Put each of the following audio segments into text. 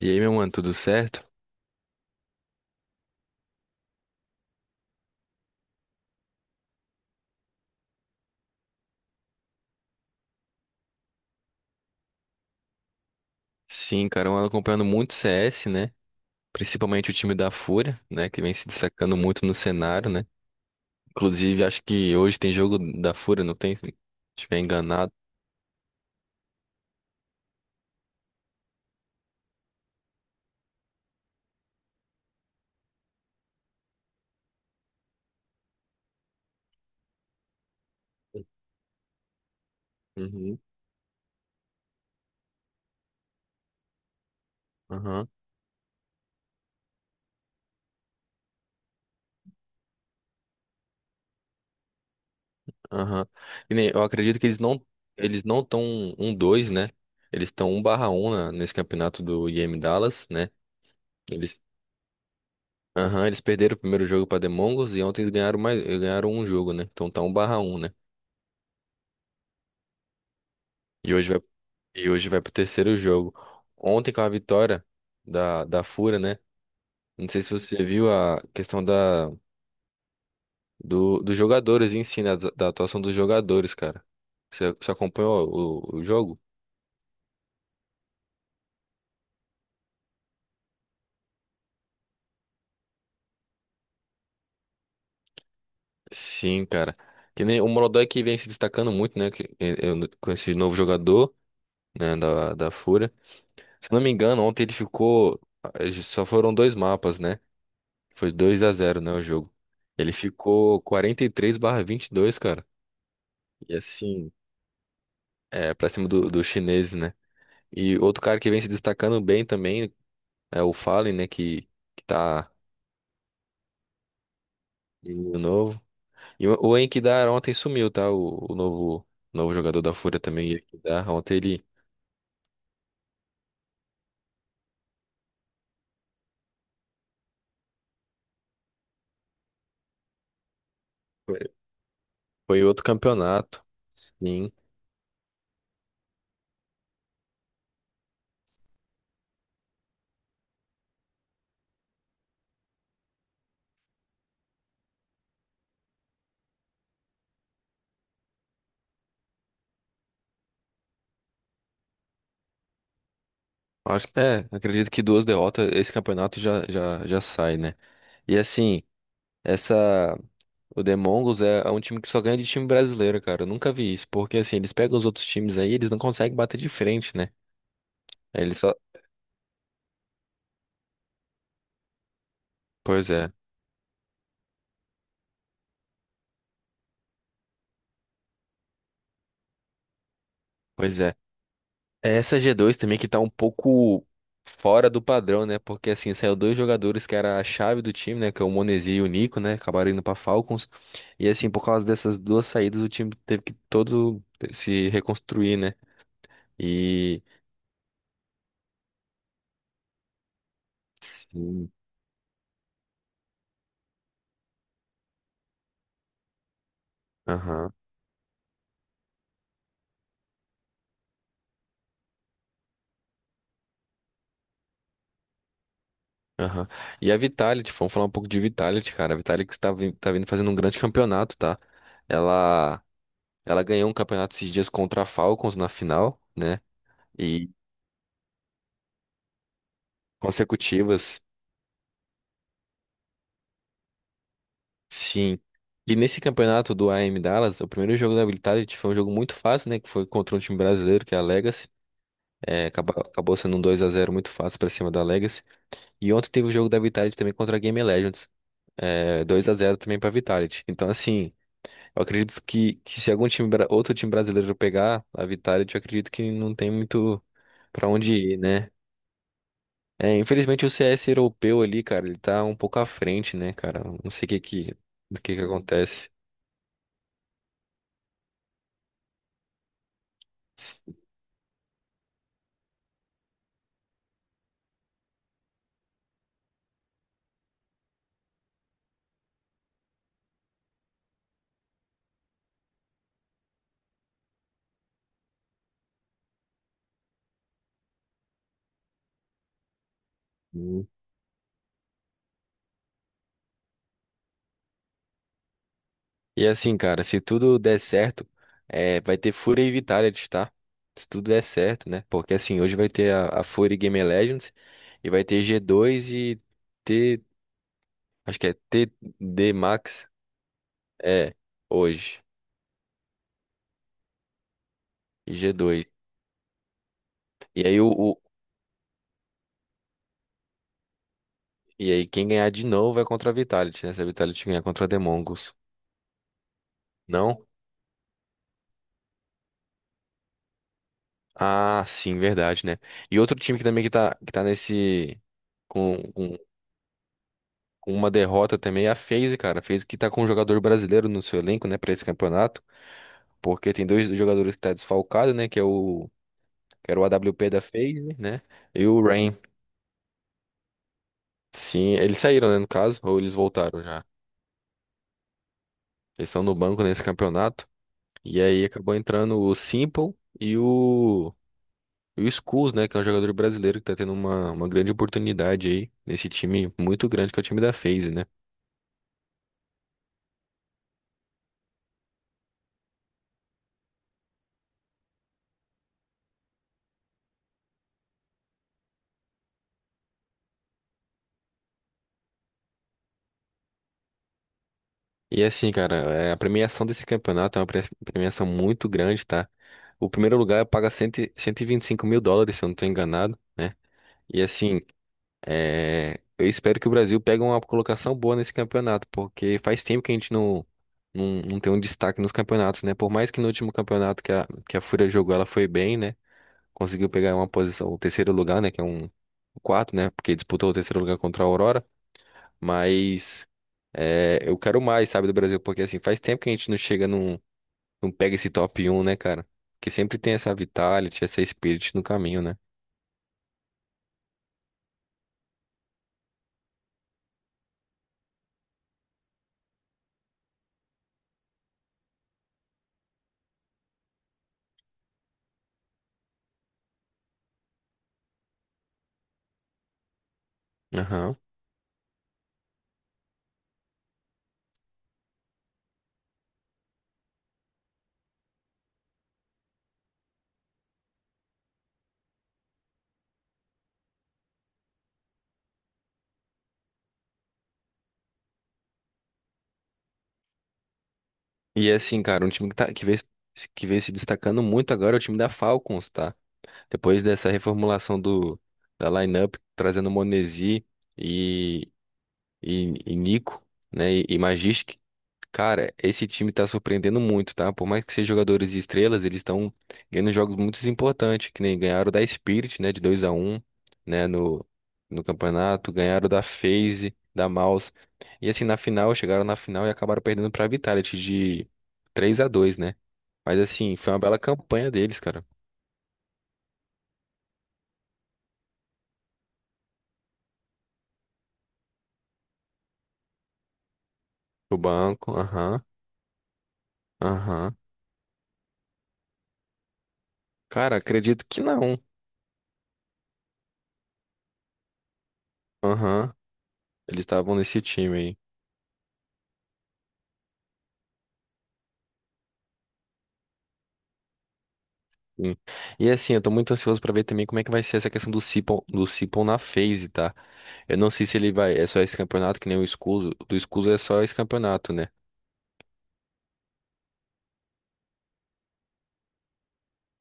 E aí, meu mano, tudo certo? Sim, cara, eu ando acompanhando muito CS, né? Principalmente o time da Fúria, né? Que vem se destacando muito no cenário, né? Inclusive, acho que hoje tem jogo da Fúria, não tem? Se não estiver enganado. Uhum, aham, aham. E nem, eu acredito que eles não estão 1-2, né? Eles estão 1-1 nesse campeonato do IEM Dallas, né? Eles, aham, eles perderam o primeiro jogo para Demongos e ontem eles ganharam mais, ganharam um jogo, né? Então tá 1-1, né? E hoje vai, e hoje vai pro terceiro jogo. Ontem com a vitória da Fúria, né? Não sei se você viu a questão dos jogadores em si, né? Da atuação dos jogadores, cara. Você acompanhou o jogo? Sim, cara. Que nem o Molodói que vem se destacando muito, né? Com esse novo jogador, né? Da Fúria. Se eu não me engano, ontem ele ficou. Só foram dois mapas, né? Foi 2-0, né? O jogo. Ele ficou 43/22, cara. E assim, é, pra cima do chinês, né? E outro cara que vem se destacando bem também é o Fallen, né? Que tá menino novo. E o Enkidar ontem sumiu, tá? O novo jogador da Fúria também, Enkidar. Ontem ele foi foi em outro campeonato. Sim. Acredito que duas derrotas, esse campeonato já sai, né? E assim, essa. O Demongos é um time que só ganha de time brasileiro, cara. Eu nunca vi isso. Porque assim, eles pegam os outros times aí, eles não conseguem bater de frente, né? Ele só. Pois é, pois é. É, essa G2 também que tá um pouco fora do padrão, né? Porque assim, saiu dois jogadores que era a chave do time, né? Que é o Monesi e o Nico, né? Acabaram indo pra Falcons. E assim, por causa dessas duas saídas, o time teve que todo se reconstruir, né? E. Sim. Aham. Aham. E a Vitality, vamos falar um pouco de Vitality, cara. A Vitality que está tá vindo fazendo um grande campeonato, tá? Ela, ela ganhou um campeonato esses dias contra a Falcons na final, né? Consecutivas, sim. E nesse campeonato do AM Dallas, o primeiro jogo da Vitality foi um jogo muito fácil, né? Que foi contra um time brasileiro, que é a Legacy. É, acabou sendo um 2-0 muito fácil pra cima da Legacy. E ontem teve o jogo da Vitality também contra a Game Legends. É, 2-0 também pra Vitality. Então, assim, eu acredito que se algum time, outro time brasileiro pegar a Vitality, eu acredito que não tem muito pra onde ir, né? É, infelizmente o CS europeu ali, cara, ele tá um pouco à frente, né, cara? Não sei do que acontece. Hum. E assim, cara, se tudo der certo, é, vai ter Fúria e Vitality, tá? Se tudo der certo, né? Porque assim, hoje vai ter a Fúria e Game Legends e vai ter G2 e T, acho que é TD Max, é, hoje, e G2. E aí o, o- e aí quem ganhar de novo vai contra a Vitality, né? Se a Vitality ganhar contra a The Mongols. Não? Ah, sim, verdade, né? E outro time que também que tá nesse com com com uma derrota também, é a FaZe, cara. A FaZe que tá com um jogador brasileiro no seu elenco, né, pra esse campeonato. Porque tem dois jogadores que tá desfalcado, né, que era o AWP da FaZe, né, e o Rain. Sim, eles saíram, né, no caso, ou eles voltaram já. Eles estão no banco nesse campeonato. E aí acabou entrando o Simple e o, e o Skulls, né, que é um jogador brasileiro que tá tendo uma grande oportunidade aí nesse time muito grande que é o time da FaZe, né. E assim, cara, é, a premiação desse campeonato é uma premiação muito grande, tá? O primeiro lugar paga US$ 125.000, se eu não estou enganado. E assim, é, eu espero que o Brasil pegue uma colocação boa nesse campeonato, porque faz tempo que a gente não tem um destaque nos campeonatos, né? Por mais que no último campeonato que a Fúria jogou, ela foi bem, né? Conseguiu pegar uma posição, o terceiro lugar, né? Que é o quarto, né? Porque disputou o terceiro lugar contra a Aurora. Mas é, eu quero mais, sabe, do Brasil, porque assim, faz tempo que a gente não chega num, não pega esse top 1, né, cara? Porque sempre tem essa Vitality, essa Spirit no caminho, né? Aham. E é assim, cara, um time tá, que vem se destacando muito agora é o time da Falcons, tá? Depois dessa reformulação da lineup, trazendo o Monesi e, e Nico, né? E Magisk. Cara, esse time tá surpreendendo muito, tá? Por mais que sejam jogadores e estrelas, eles estão ganhando jogos muito importantes, que nem ganharam da Spirit, né? De 2-1, né? No, no campeonato, ganharam da FaZe, da Mouse. E assim, na final, chegaram na final e acabaram perdendo pra Vitality de 3-2, né? Mas assim, foi uma bela campanha deles, cara. O banco, aham, aham. Cara, acredito que não. Aham. Eles estavam nesse time aí. Sim. E assim, eu tô muito ansioso pra ver também como é que vai ser essa questão do Sipon na phase, tá? Eu não sei se ele vai, é só esse campeonato, que nem do Escuso é só esse campeonato, né?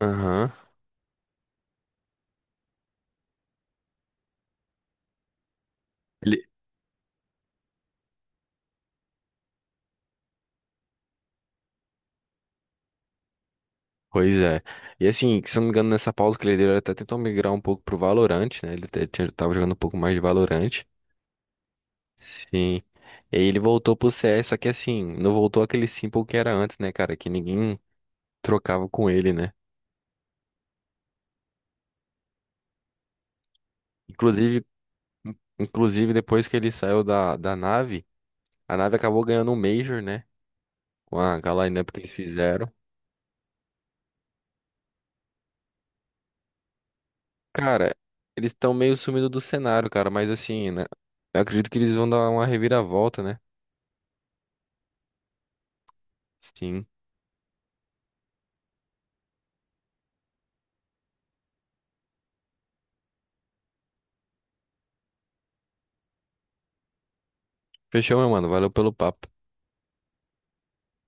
Aham. Ele. Pois é. E assim, que se eu não me engano, nessa pausa que ele deu, ele até tentou migrar um pouco pro Valorant, né? Ele até tava jogando um pouco mais de Valorant. Sim. E aí ele voltou pro C CS, só que assim, não voltou aquele Simple que era antes, né, cara? Que ninguém trocava com ele, né? Inclusive, inclusive, depois que ele saiu da nave. A nave acabou ganhando um Major, né? Com a lineup que eles fizeram. Cara, eles estão meio sumindo do cenário, cara. Mas assim, né? Eu acredito que eles vão dar uma reviravolta, né? Sim. Fechou, meu mano. Valeu pelo papo.